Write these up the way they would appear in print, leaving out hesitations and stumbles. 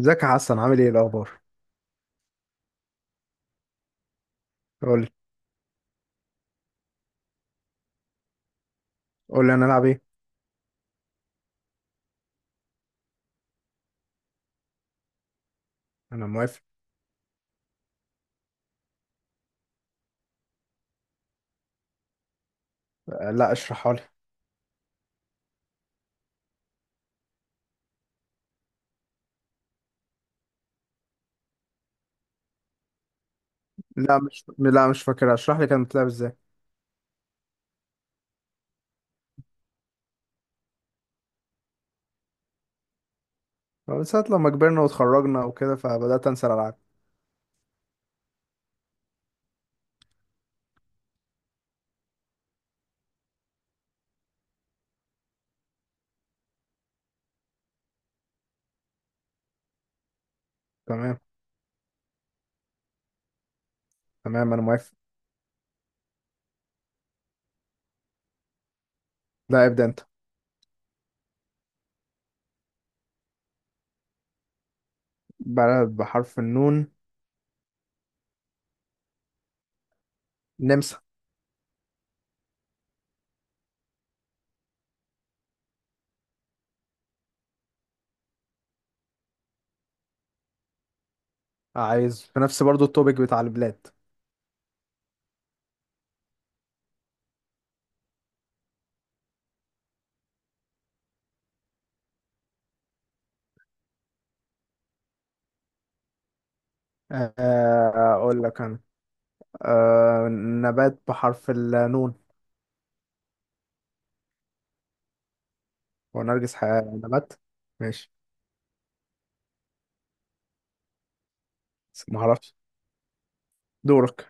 ازيك يا حسن؟ عامل ايه الاخبار؟ قول لي. قول لي انا العب ايه. انا موافق. لا، اشرحها لي. لا، مش فاكر، اشرح لي كانت بتلعب ازاي. من ساعه لما كبرنا واتخرجنا وكده فبدات انسى الالعاب. تمام. تمام، انا موافق. لا، ابدا انت. بلد بحرف النون؟ نمسا. عايز في نفس برضو التوبيك بتاع البلاد. اقول لك انا. أه، نبات بحرف النون؟ هو نرجس حياة نبات؟ ماشي، ما اعرفش. دورك.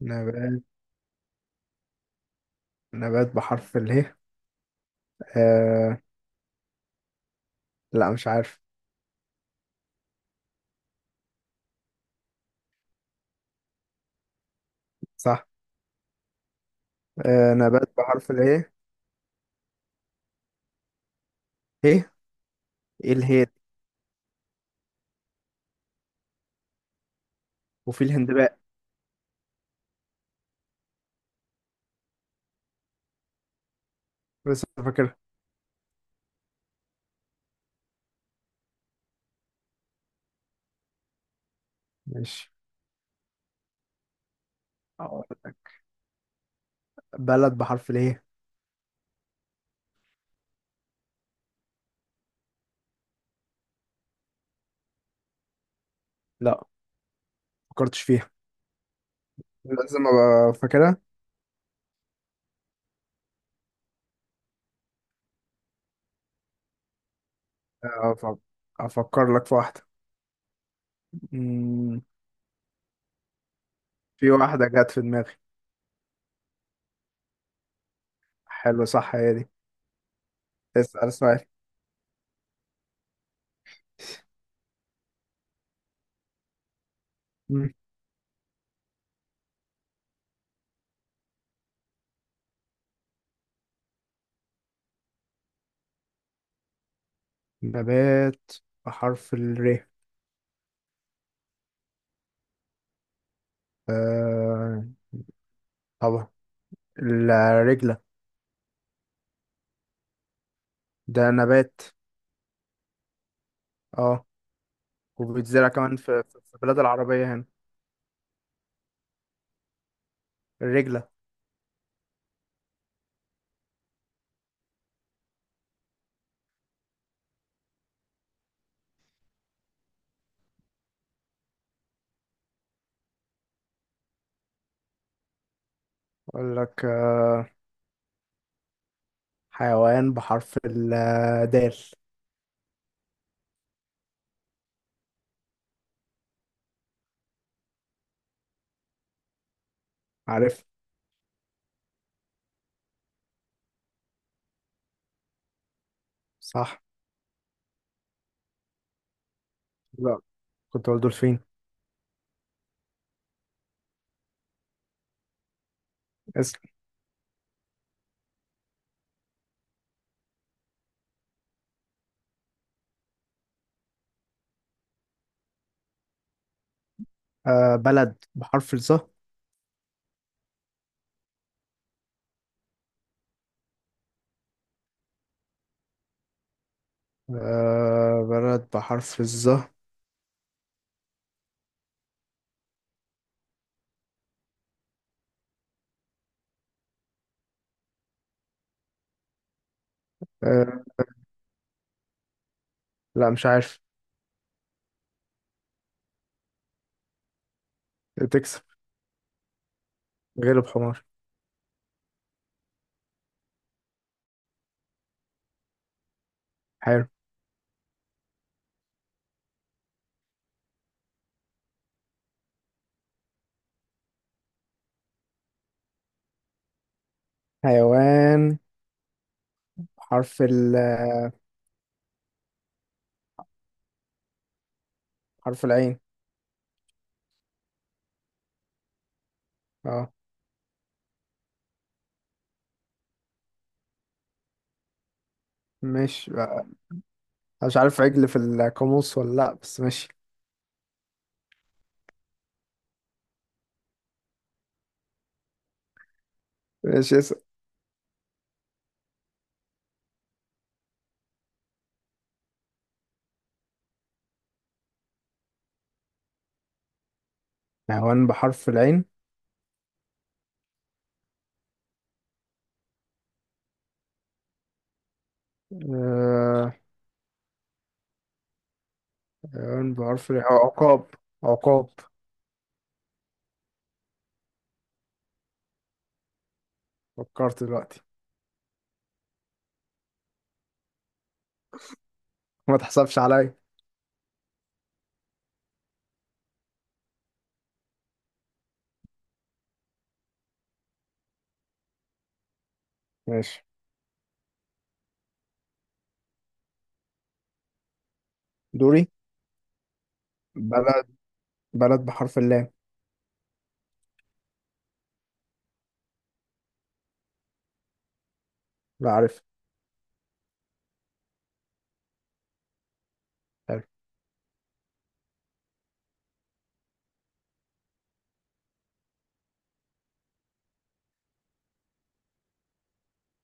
نبات، نبات بحرف اله. لا، مش عارف. صح. آه، نبات بحرف الايه؟ ايه؟ ايه الهي؟ وفي الهندباء بس، فاكر. ماشي. أقول لك. بلد بحرف الايه؟ لا، ما فكرتش فيها. لازم ابقى فاكرها. أف- افكر لك في واحده. مم، في واحده جت في دماغي. حلو، صح، هي دي. اسال سؤال. مم. نبات بحرف الر؟ آه، طبعا، الرجله. ده نبات، اه، وبيتزرع كمان في البلاد العربيه هنا. الرجله. اقول لك، حيوان بحرف الدال. عارف. صح. لا، كنت بقول دولفين. اسم. آه، بلد بحرف الظه. آه، بلد بحرف الظه. آه، لا مش عارف. تكسب. غلب حمار. حلو. حيوان بحرف ال، حرف العين. اه. مش مش عارف عجل في القاموس ولا لا، بس ماشي. ماشي. اسم حيوان بحرف العين. آه، حيوان بحرف العين عقاب. عقاب. فكرت دلوقتي. ما تحسبش عليا. ماشي. دوري. بلد، بلد بحرف اللام. لا، عارف. حلو.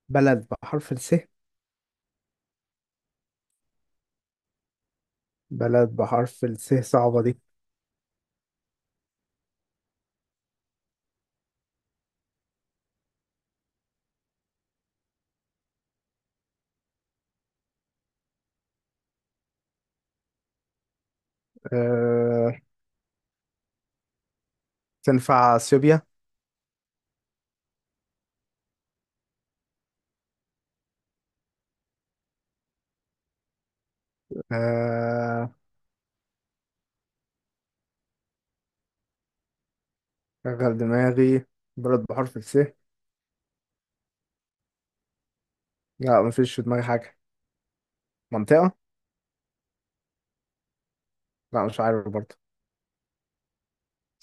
بلد بحرف الس. بلد بحرف الس؟ صعبة دي. أه، تنفع اثيوبيا؟ أه، شغل دماغي. بلد بحرف الس. لا، مفيش في دماغي حاجة. منطقة. لا، مش عارف برضه.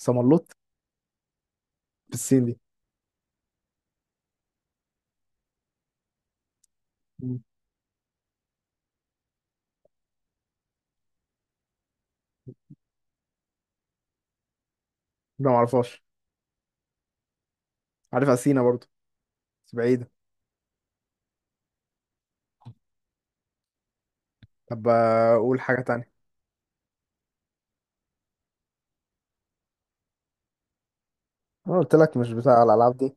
سملوط. بالسين دي. مم. لا، معرفهاش. عارف أثينا برضه. بس بعيدة. طب، أقول حاجة تانية. أنا قلت لك مش بتاع الألعاب دي.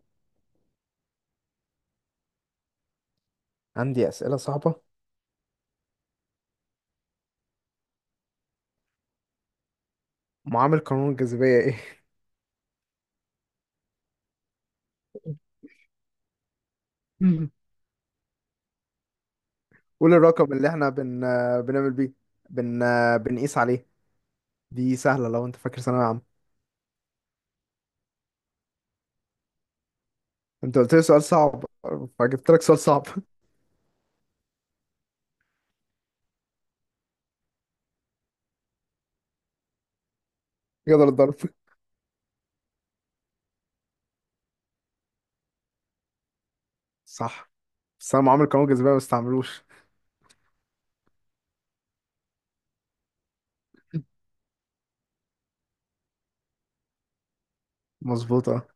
عندي أسئلة صعبة. معامل قانون الجاذبية إيه؟ قول الرقم اللي احنا بنعمل بيه، بن بنقيس عليه. دي سهلة لو انت فاكر ثانوية عامة. انت قلت لي سؤال صعب، فجبت لك سؤال صعب. يقدر الضرب. صح. بس انا عمري قانون الجاذبية ما استعملوش. مظبوط، اه.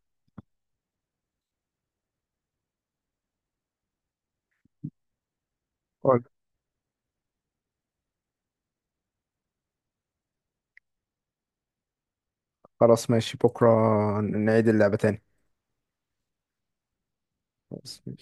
قول. خلاص ماشي، بكرة نعيد اللعبة تاني. خلاص ماشي.